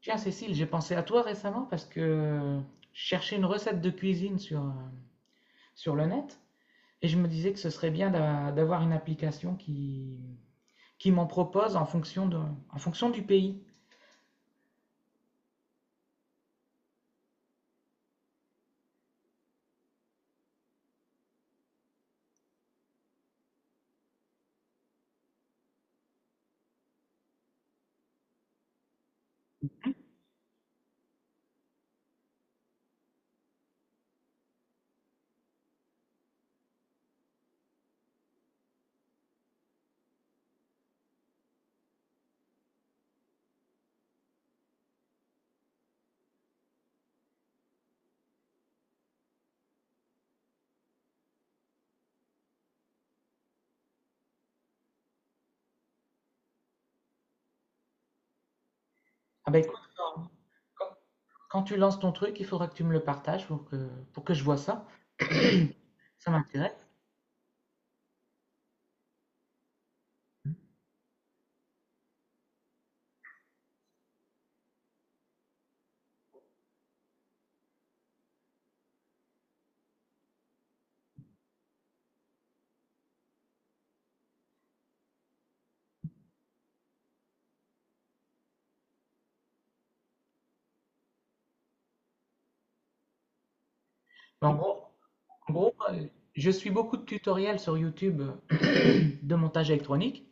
Tiens, Cécile, j'ai pensé à toi récemment parce que je cherchais une recette de cuisine sur, sur le net et je me disais que ce serait bien d'avoir une application qui m'en propose en fonction du pays. Ah bah écoute, quand- quand tu lances ton truc, il faudra que tu me le partages pour que je vois ça. Ça m'intéresse. Mais En gros, en gros, je suis beaucoup de tutoriels sur YouTube de montage électronique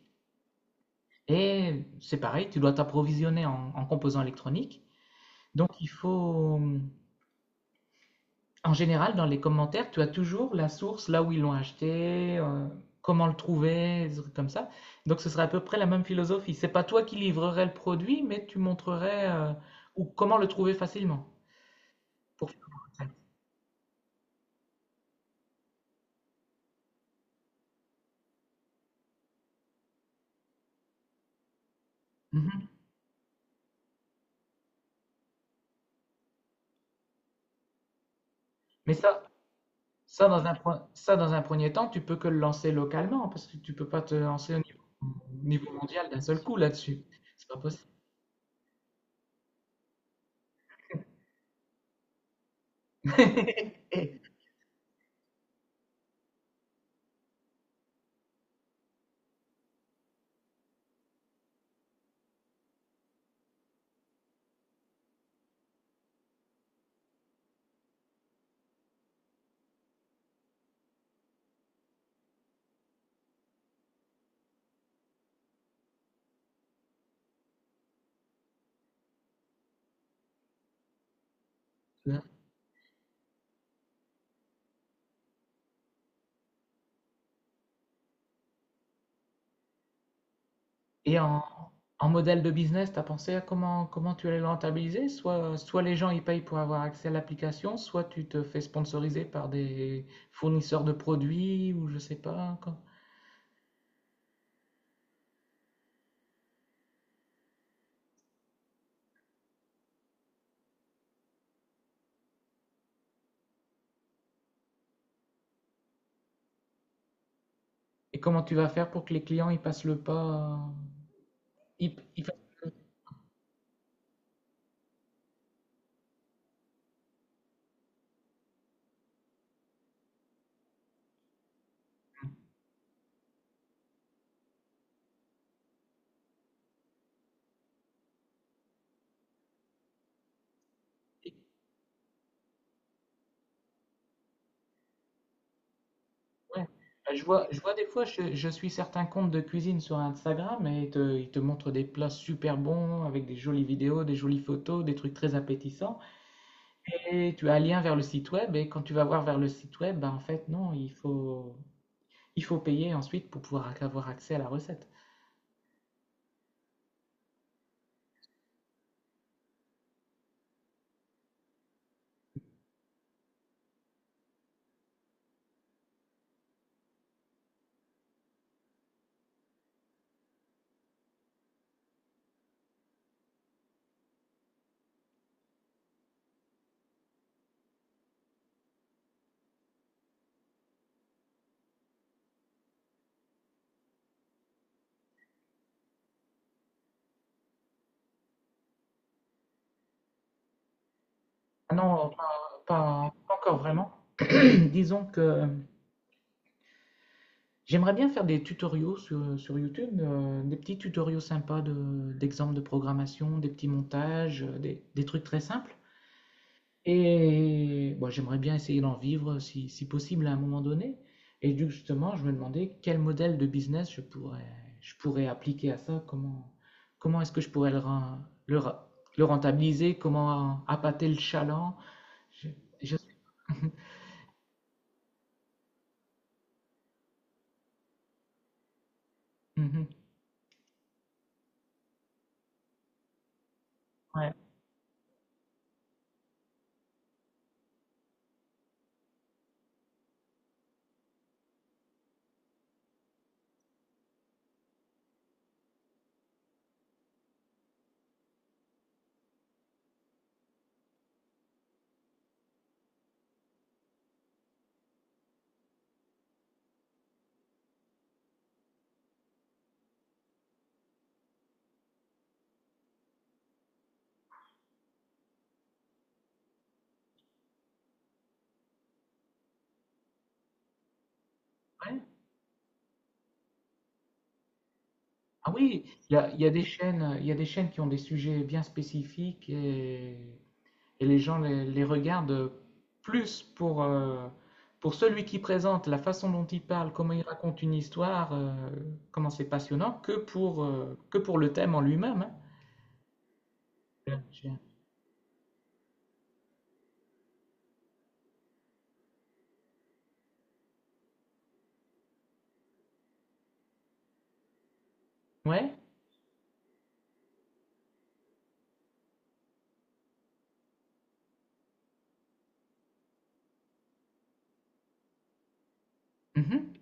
et c'est pareil, tu dois t'approvisionner en composants électroniques. Donc il faut, en général, dans les commentaires, tu as toujours la source, là où ils l'ont acheté, comment le trouver, des trucs comme ça. Donc ce serait à peu près la même philosophie. C'est pas toi qui livrerais le produit, mais tu montrerais ou comment le trouver facilement pour faire une recette. Mhm. Mais ça dans un premier temps, tu peux que le lancer localement parce que tu peux pas te lancer au niveau mondial d'un seul coup là-dessus. C'est pas possible. Et en modèle de business, tu as pensé à comment tu allais le rentabiliser? Soit les gens ils payent pour avoir accès à l'application, soit tu te fais sponsoriser par des fournisseurs de produits ou je sais pas quoi. Et comment tu vas faire pour que les clients ils passent le pas? Ils- ils fassent le- Ouais. Bah, je vois, je vois des fois, je suis certains comptes de cuisine sur Instagram et ils te montrent des plats super bons avec des jolies vidéos, des jolies photos, des trucs très appétissants. Et tu as un lien vers le site web et quand tu vas voir vers le site web, ben en fait, non, il faut payer ensuite pour avoir accès à la recette. Ah non, pas encore vraiment. Disons que j'aimerais bien faire des tutoriaux sur YouTube, des petits tutoriaux sympas d'exemples de programmation, des petits montages, des trucs très simples. Et bon, j'aimerais bien essayer d'en vivre si possible à un moment donné. Et justement, je me demandais quel modèle de business je je pourrais appliquer à ça, comment est-ce que je pourrais le rentabiliser, comment appâter le chaland. Je- je- Mhm. Ouais. Ouais. Ah oui, il y a des chaînes, il y a des chaînes qui ont des sujets bien spécifiques. Et les gens les regardent plus pour celui qui présente, la façon dont il parle, comment il raconte une histoire, comment c'est passionnant, que que pour le thème en lui-même. Hein. J'ai- Ouais. Mhm.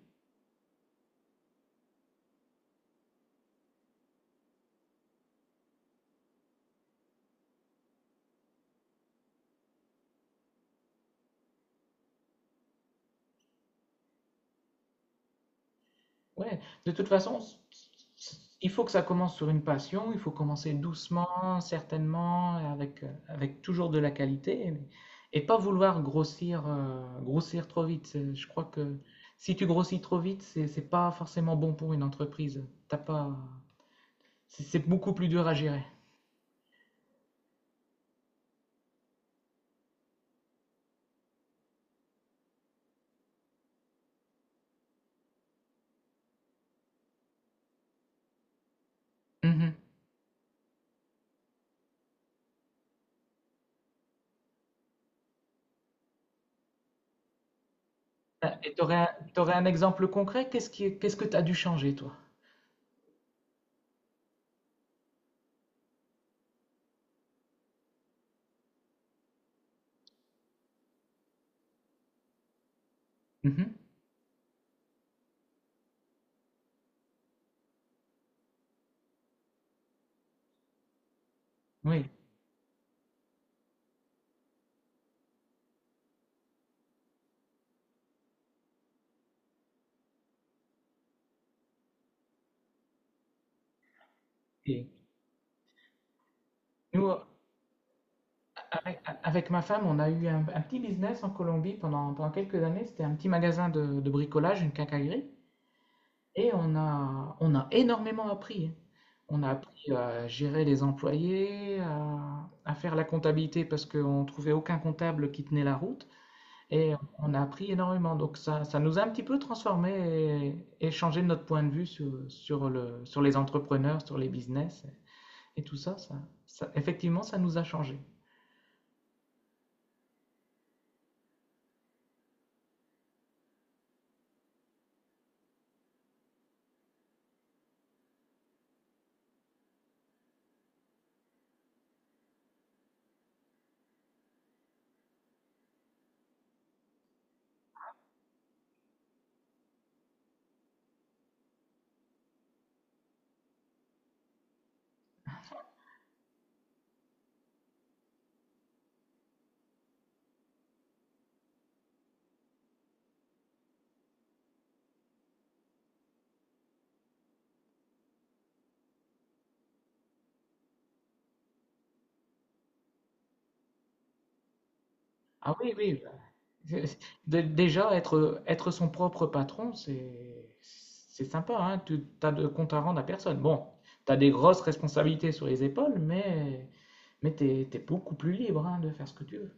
Ouais, de toute façon, il faut que ça commence sur une passion, il faut commencer doucement, certainement, avec toujours de la qualité, mais et pas vouloir grossir trop vite. C'est- Je crois que si tu grossis trop vite, c'est pas forcément bon pour une entreprise. T'as pas, c'est beaucoup plus dur à gérer. Mhm. Ah, et t'aurais un exemple concret? Qu'est-ce qui, qu'est-ce que t'as dû changer, toi? Mhm. Oui. Et nous, avec ma femme, on a eu un petit business en Colombie pendant quelques années. C'était un petit magasin de bricolage, une quincaillerie. Et on a énormément appris. On a appris à gérer les employés, à faire la comptabilité parce qu'on ne trouvait aucun comptable qui tenait la route. Et on a appris énormément. Donc ça nous a un petit peu transformé et changé notre point de vue sur les entrepreneurs, sur les business et tout ça. Effectivement, ça nous a changé. Ah oui, oui. Bah, Déjà, être son propre patron, c'est sympa, hein. Tu t'as de compte à rendre à personne. Bon, tu as des grosses responsabilités sur les épaules, mais tu es beaucoup plus libre, hein, de faire ce que tu veux.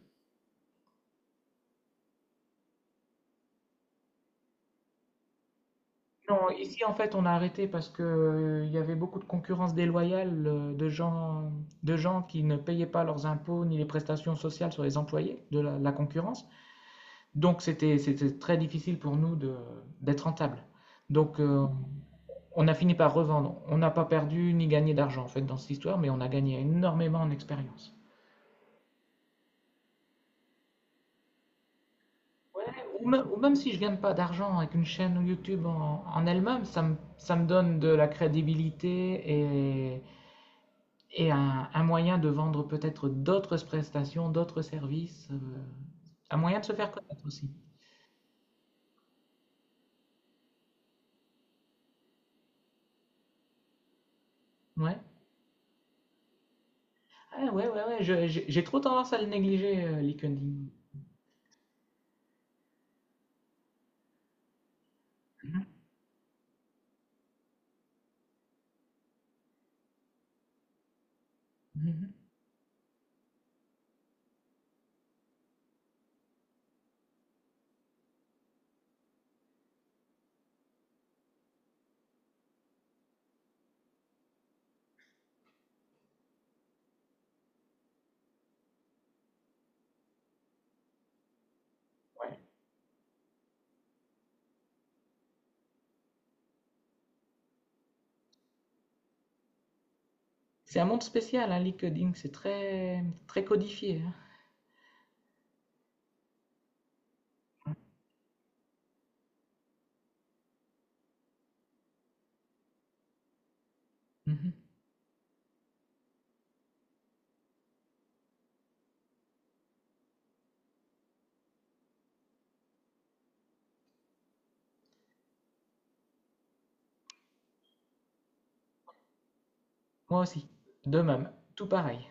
Non, ici, en fait, on a arrêté parce que, il y avait beaucoup de concurrence déloyale, de gens qui ne payaient pas leurs impôts ni les prestations sociales sur les employés de la concurrence. Donc, c'était très difficile pour nous d'être rentable. Donc, on a fini par revendre. On n'a pas perdu ni gagné d'argent en fait dans cette histoire, mais on a gagné énormément en expérience. Ouais, ou même si je gagne pas d'argent avec une chaîne YouTube en elle-même, ça me donne de la crédibilité et un moyen de vendre peut-être d'autres prestations, d'autres services, un moyen de se faire connaître aussi. Ouais, ah, ouais, ouais, ouais, j'ai trop tendance à le négliger, LinkedIn. Mhm, mhm. Ouais. C'est un monde spécial, hein, LinkedIn, très codifié. Hein. Mhm. Moi aussi, de même, tout pareil.